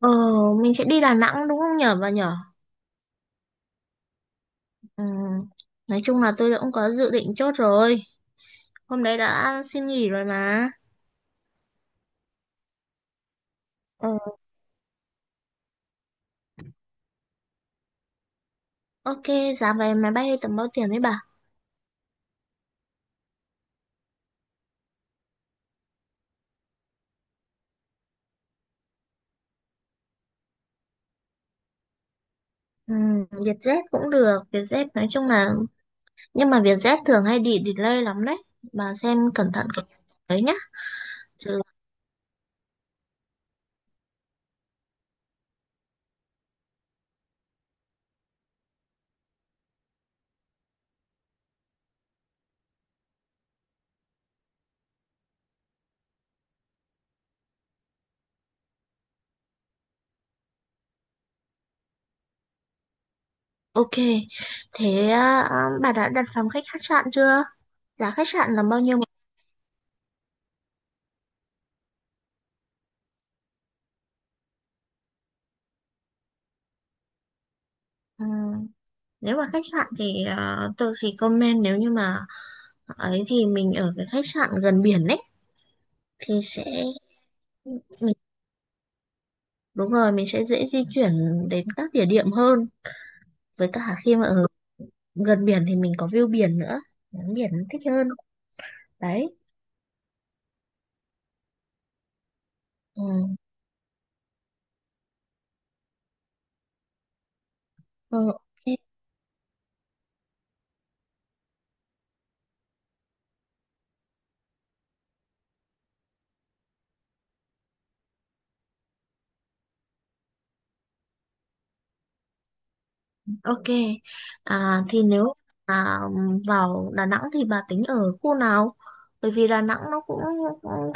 Ờ, mình sẽ đi Đà Nẵng đúng không nhở bà nhở? Ừ. Nói chung là tôi đã cũng có dự định chốt rồi. Hôm đấy đã xin nghỉ rồi mà. Ờ, ok, giá vé máy bay tầm bao tiền đấy bà? Ừ, Vietjet cũng được. Vietjet nói chung là... Nhưng mà Vietjet thường hay đi delay lắm đấy. Bà xem cẩn thận cái đấy nhá. Chứ... Ok, thế à, bà đã đặt phòng khách khách sạn chưa? Giá khách sạn là bao nhiêu? Ừ, nếu mà khách sạn thì tôi thì comment nếu như mà ấy thì mình ở cái khách sạn gần biển ấy thì sẽ mình đúng rồi mình sẽ dễ di chuyển đến các địa điểm hơn, với cả khi mà ở gần biển thì mình có view biển nữa, ngắm biển thích hơn đấy. Ừ. Ừ. Ok, à, thì nếu à, vào Đà Nẵng thì bà tính ở khu nào? Bởi vì Đà Nẵng nó cũng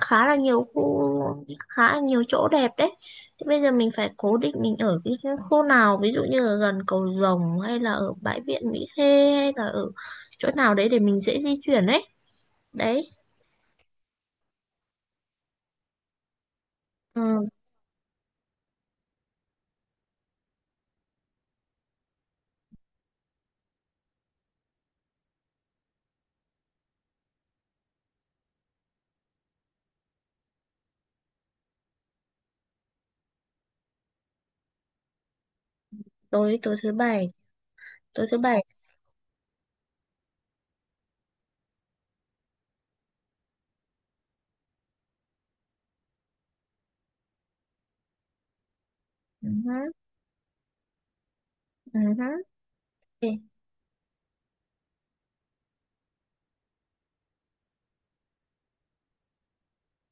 khá là nhiều khu, khá là nhiều chỗ đẹp đấy. Thì bây giờ mình phải cố định mình ở cái khu nào, ví dụ như là gần cầu Rồng hay là ở bãi biển Mỹ Khê hay là ở chỗ nào đấy để mình dễ di chuyển ấy. Đấy, ừ, tối tối thứ bảy, tối thứ bảy. Ừ, hứ, ừ, hứ. Ok.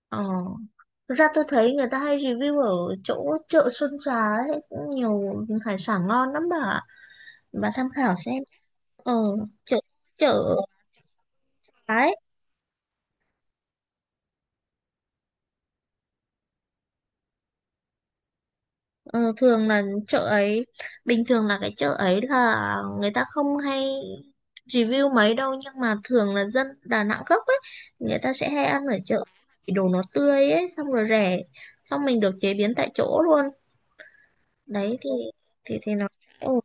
Ờ. Thực ra tôi thấy người ta hay review ở chỗ chợ Xuân Trà ấy, cũng nhiều hải sản ngon lắm bà ạ. Bà tham khảo xem. Ờ, chợ chợ ấy, ờ, thường là chợ ấy, bình thường là cái chợ ấy là người ta không hay review mấy đâu, nhưng mà thường là dân Đà Nẵng gốc ấy, người ta sẽ hay ăn ở chợ. Vì đồ nó tươi ấy, xong rồi rẻ, xong mình được chế biến tại chỗ luôn. Đấy thì thì nó sẽ ổn.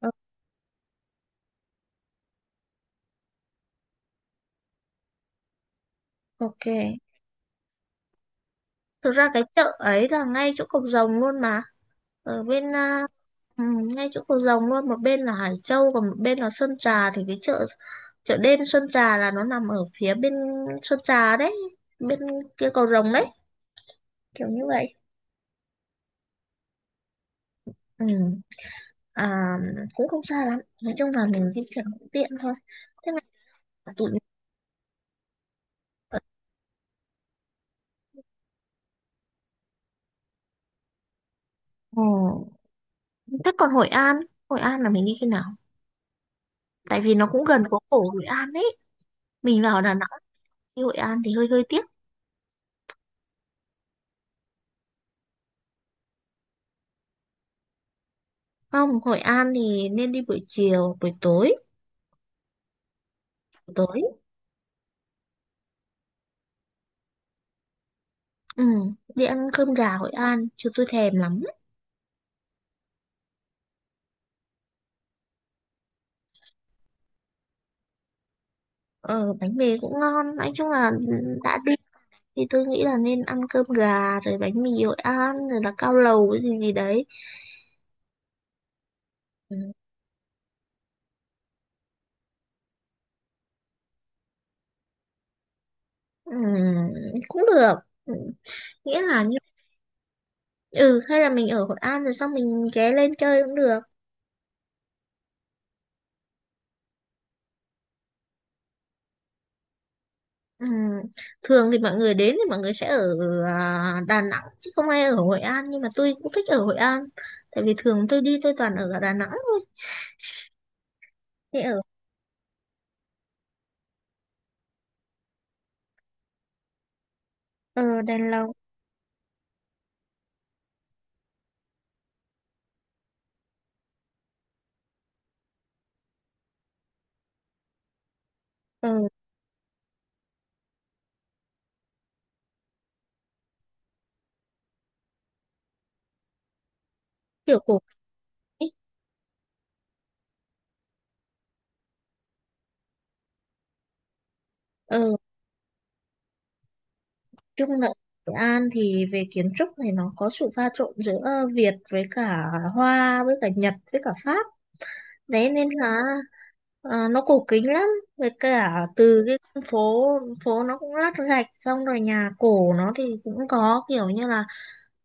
Ờ, ok. Thực ra cái chợ ấy là ngay chỗ Cộc Rồng luôn mà. Ở bên à, ừ, ngay chỗ cầu Rồng luôn, một bên là Hải Châu còn một bên là Sơn Trà, thì cái chợ chợ đêm Sơn Trà là nó nằm ở phía bên Sơn Trà đấy, bên kia Cầu Rồng đấy, kiểu như vậy. Ừ. À, cũng không xa lắm, nói chung là mình di chuyển cũng tiện thôi. Thế mà tụi ừ. Thế còn Hội An, Hội An là mình đi khi nào? Tại vì nó cũng gần phố cổ Hội An ấy. Mình vào Đà Nẵng đi Hội An thì hơi hơi tiếc. Không, Hội An thì nên đi buổi chiều, buổi tối. Buổi tối. Ừ, đi ăn cơm gà Hội An, chứ tôi thèm lắm. Ờ, bánh mì cũng ngon. Nói chung là đã đi thì tôi nghĩ là nên ăn cơm gà, rồi bánh mì Hội An, rồi là cao lầu cái gì gì đấy. Ừ, ừ, cũng được. Ừ, nghĩa là như... Ừ, hay là mình ở Hội An rồi xong mình ghé lên chơi cũng được. Ừ. Thường thì mọi người đến thì mọi người sẽ ở à, Đà Nẵng chứ không ai ở Hội An, nhưng mà tôi cũng thích ở Hội An, tại vì thường tôi đi tôi toàn ở ở Đà Nẵng thôi, thì ở ở Đèn Lồng ở kiểu cổ ấy. Ở chung là Hội An thì về kiến trúc này nó có sự pha trộn giữa Việt với cả Hoa với cả Nhật với cả Pháp đấy, nên là à, nó cổ kính lắm, với cả từ cái phố phố nó cũng lát gạch, xong rồi nhà cổ nó thì cũng có kiểu như là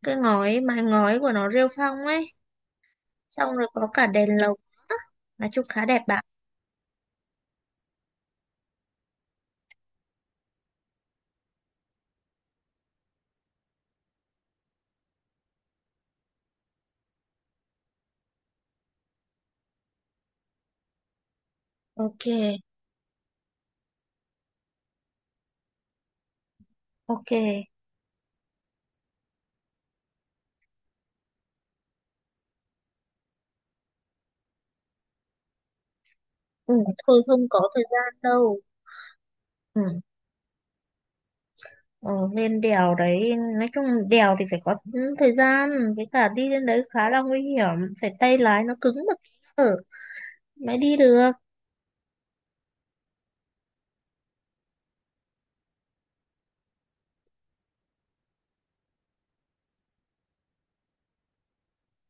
cái ngói, mái ngói của nó rêu phong ấy. Ừ, xong rồi có cả đèn lồng nữa. Nói chung khá đẹp bạn. Ok, ok, ừ, thôi không có thời gian đâu. Ừ, ờ, lên đèo đấy nói chung đèo thì phải có thời gian, với cả đi lên đấy khá là nguy hiểm, phải tay lái nó cứng một tí ở mới đi được.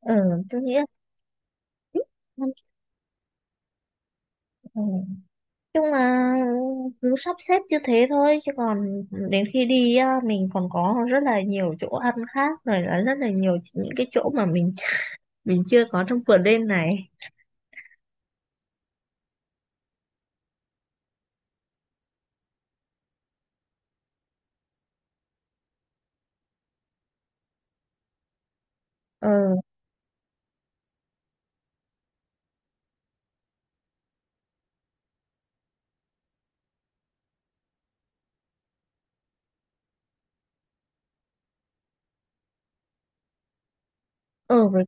Ừ, tôi nghĩ là- ừ. Chung là cứ sắp xếp như thế thôi chứ còn đến khi đi á, mình còn có rất là nhiều chỗ ăn khác, rồi là rất là nhiều những cái chỗ mà mình chưa có trong vườn lên này. Ờ, ờ, với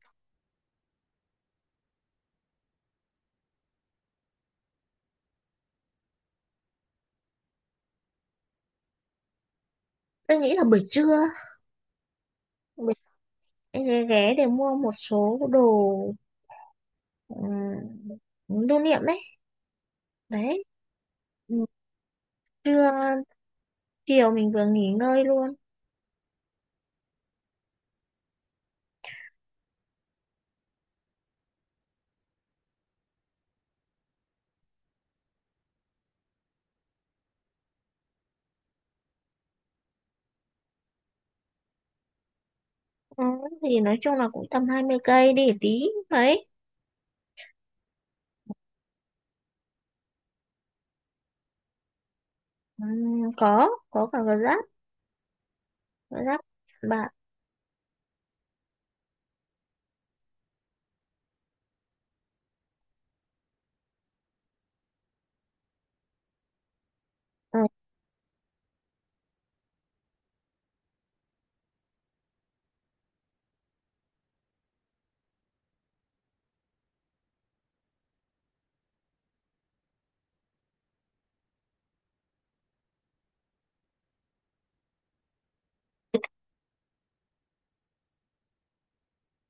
tôi nghĩ là buổi trưa mình sẽ ghé ghé để mua một số đồ, ừm, lưu niệm đấy. Đấy, ừ, trưa chiều mình vừa nghỉ ngơi luôn. Ừ, thì nói chung là cũng tầm 20 cây đi tí mấy. Có cả gà rán. Gọi là bà ờ,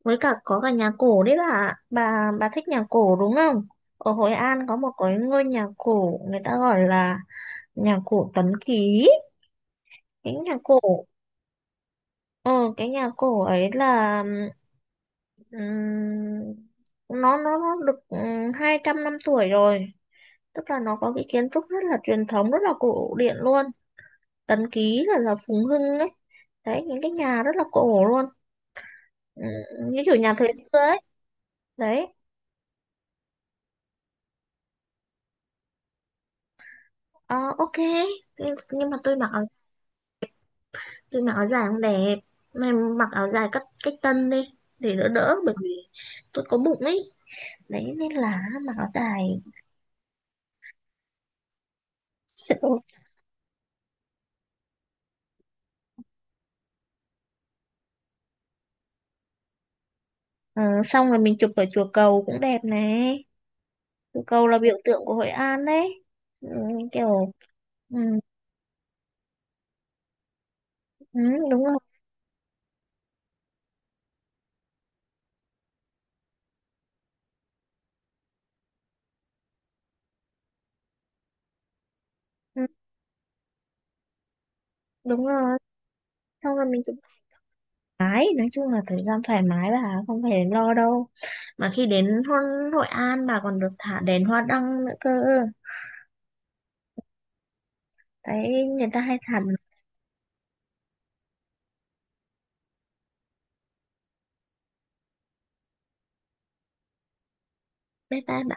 với cả có cả nhà cổ đấy bà, bà thích nhà cổ đúng không? Ở Hội An có một cái ngôi nhà cổ người ta gọi là nhà cổ Tấn Ký, cái nhà cổ ờ, cái nhà cổ ấy là ừm, nó được 200 năm tuổi rồi, tức là nó có cái kiến trúc rất là truyền thống, rất là cổ điển luôn. Tấn Ký là Phùng Hưng ấy, đấy những cái nhà rất là cổ luôn. Như kiểu nhà thời xưa ấy đấy. Ờ, ok. Thế- nhưng mà tôi mặc áo, tôi mặc áo dài không đẹp, mày mặc áo dài cách cách tân đi, để đỡ đỡ bởi vì tôi có bụng ấy, đấy nên là mặc áo dài. Ờ, xong rồi mình chụp ở chùa Cầu cũng đẹp này, chùa Cầu là biểu tượng của Hội An đấy. Ừ, kiểu ừ, ừ, đúng rồi, ừ, đúng rồi. Xong rồi mình chụp thoải mái, nói chung là thời gian thoải mái, bà không phải lo đâu. Mà khi đến Hon- Hội An bà còn được thả đèn hoa đăng nữa cơ. Đấy, người ta hay thả bằng bếp ba.